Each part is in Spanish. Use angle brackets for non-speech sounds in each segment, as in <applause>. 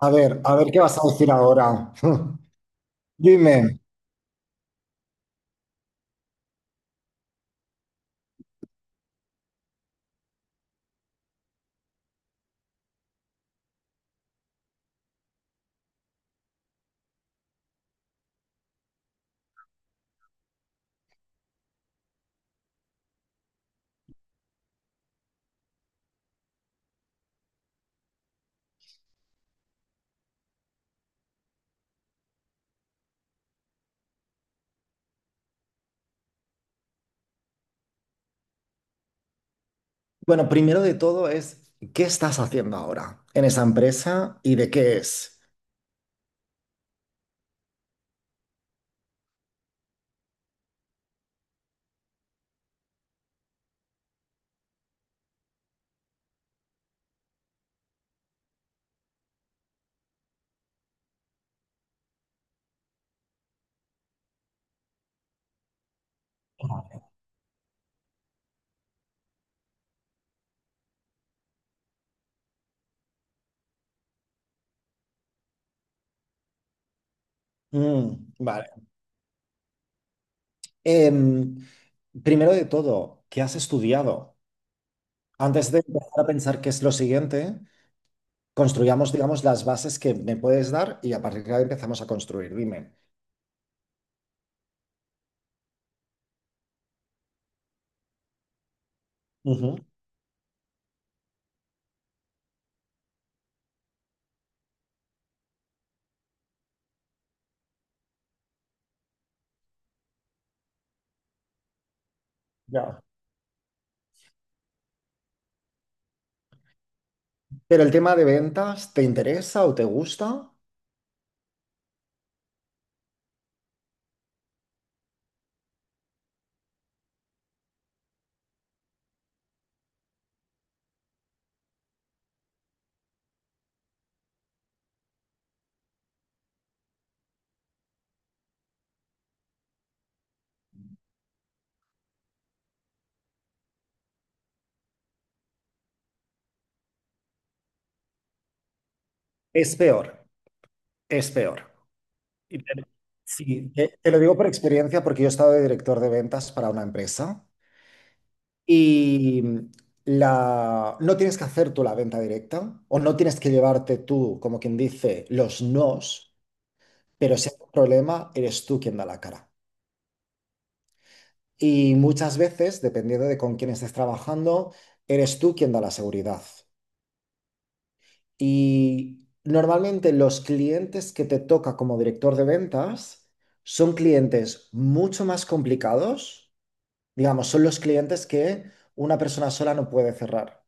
A ver qué vas a decir ahora. <laughs> Dime. Bueno, primero de todo es, ¿qué estás haciendo ahora en esa empresa y de qué es? Mm, vale. Em, Primero de todo, ¿qué has estudiado? Antes de empezar a pensar qué es lo siguiente, construyamos, digamos, las bases que me puedes dar y a partir de ahí empezamos a construir. Dime. Ujú. Ya. Pero el tema de ventas, ¿te interesa o te gusta? Es peor, es peor. Y te- sí, te lo digo por experiencia porque yo he estado de director de ventas para una empresa y no tienes que hacer tú la venta directa o no tienes que llevarte tú, como quien dice, los nos, pero si hay un problema, eres tú quien da la cara. Y muchas veces, dependiendo de con quién estés trabajando, eres tú quien da la seguridad. Y normalmente los clientes que te toca como director de ventas son clientes mucho más complicados. Digamos, son los clientes que una persona sola no puede cerrar.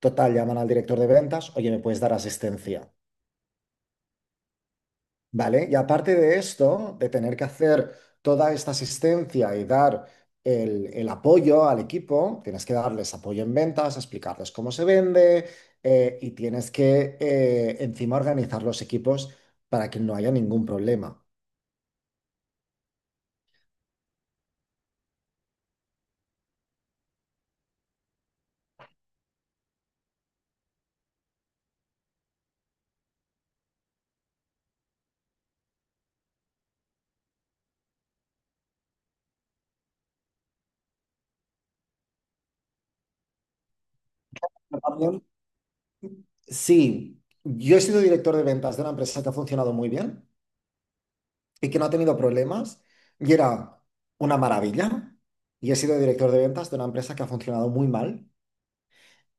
Total, llaman al director de ventas, oye, ¿me puedes dar asistencia? ¿Vale? Y aparte de esto, de tener que hacer toda esta asistencia y dar el apoyo al equipo, tienes que darles apoyo en ventas, explicarles cómo se vende, y tienes que, encima, organizar los equipos para que no haya ningún problema. También, sí, yo he sido director de ventas de una empresa que ha funcionado muy bien y que no ha tenido problemas, y era una maravilla. Y he sido director de ventas de una empresa que ha funcionado muy mal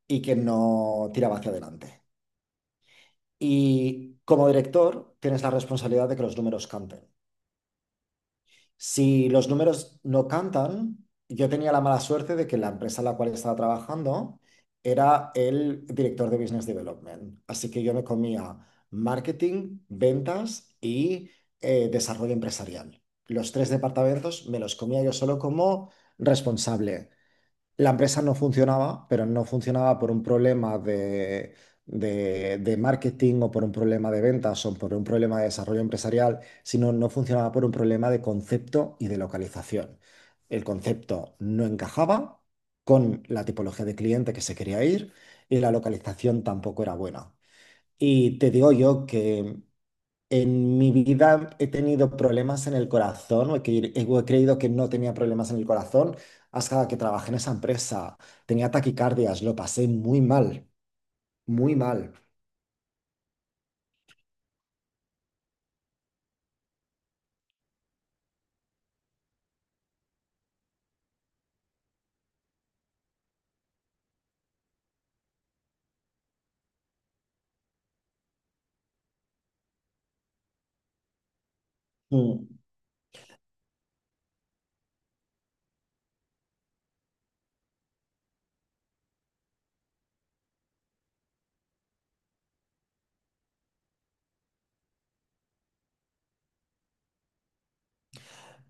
y que no tiraba hacia adelante. Y como director tienes la responsabilidad de que los números canten. Si los números no cantan, yo tenía la mala suerte de que la empresa en la cual estaba trabajando era el director de Business Development. Así que yo me comía marketing, ventas y, desarrollo empresarial. Los tres departamentos me los comía yo solo como responsable. La empresa no funcionaba, pero no funcionaba por un problema de marketing, o por un problema de ventas, o por un problema de desarrollo empresarial, sino no funcionaba por un problema de concepto y de localización. El concepto no encajaba con la tipología de cliente que se quería ir, y la localización tampoco era buena. Y te digo yo que en mi vida he tenido problemas en el corazón, o he creído que no tenía problemas en el corazón, hasta que trabajé en esa empresa. Tenía taquicardias, lo pasé muy mal, muy mal. Mm.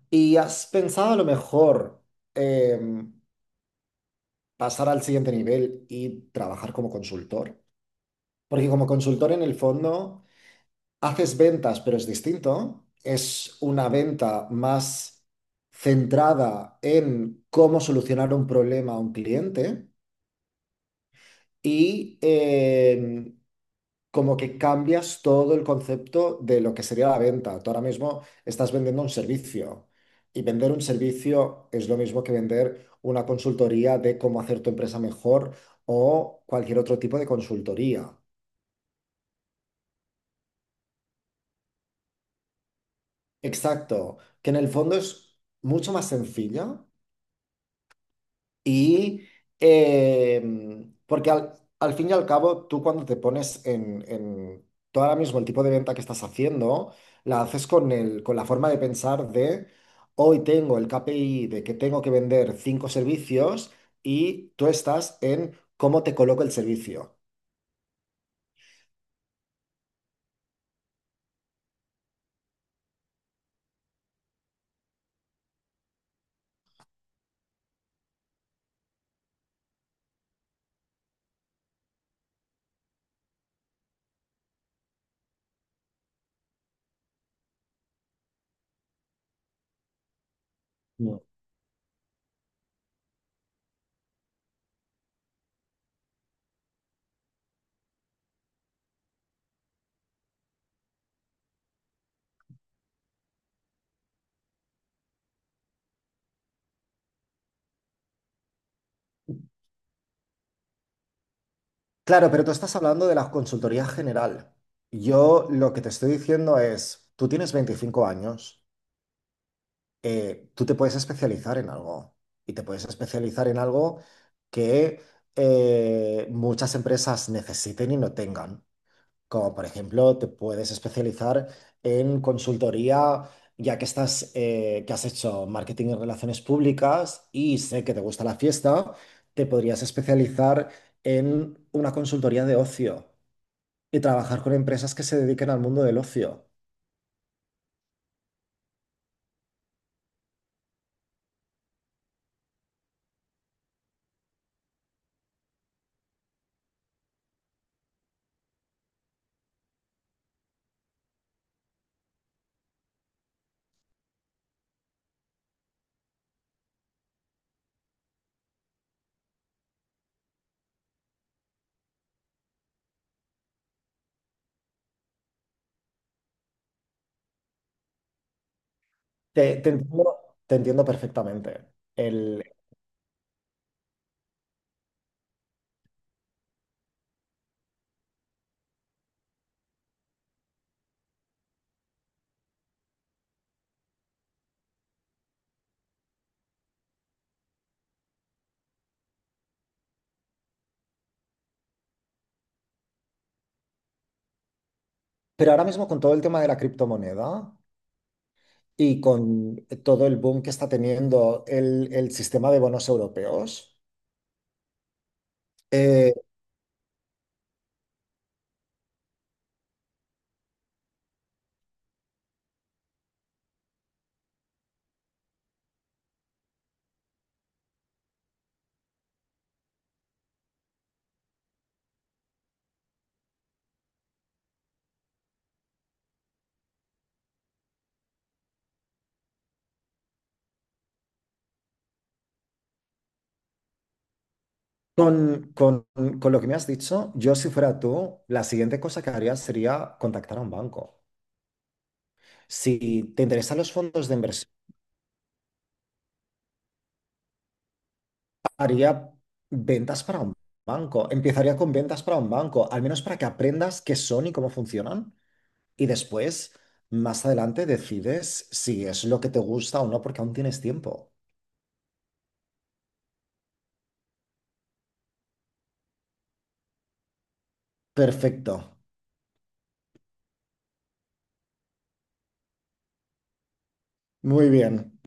¿Y has pensado, a lo mejor, em, pasar al siguiente nivel y trabajar como consultor? Porque como consultor, en el fondo, haces ventas, pero es distinto. Es una venta más centrada en cómo solucionar un problema a un cliente y, como que cambias todo el concepto de lo que sería la venta. Tú ahora mismo estás vendiendo un servicio, y vender un servicio es lo mismo que vender una consultoría de cómo hacer tu empresa mejor, o cualquier otro tipo de consultoría. Exacto, que en el fondo es mucho más sencilla. Y, porque al fin y al cabo, tú cuando te pones tú ahora mismo, el tipo de venta que estás haciendo la haces con el, con la forma de pensar de: hoy tengo el KPI de que tengo que vender cinco servicios, y tú estás en cómo te coloco el servicio. No. Claro, pero tú estás hablando de la consultoría general. Yo lo que te estoy diciendo es, tú tienes 25 años. Tú te puedes especializar en algo, y te puedes especializar en algo que, muchas empresas necesiten y no tengan. Como por ejemplo, te puedes especializar en consultoría, ya que que has hecho marketing en relaciones públicas y sé que te gusta la fiesta, te podrías especializar en una consultoría de ocio y trabajar con empresas que se dediquen al mundo del ocio. Te, te entiendo perfectamente. Pero ahora mismo, con todo el tema de la criptomoneda y con todo el boom que está teniendo el sistema de bonos europeos, eh, con, con- con lo que me has dicho, yo, si fuera tú, la siguiente cosa que haría sería contactar a un banco. Si te interesan los fondos de inversión, haría ventas para un banco. Empezaría con ventas para un banco, al menos para que aprendas qué son y cómo funcionan. Y después, más adelante, decides si es lo que te gusta o no, porque aún tienes tiempo. Perfecto. Muy bien.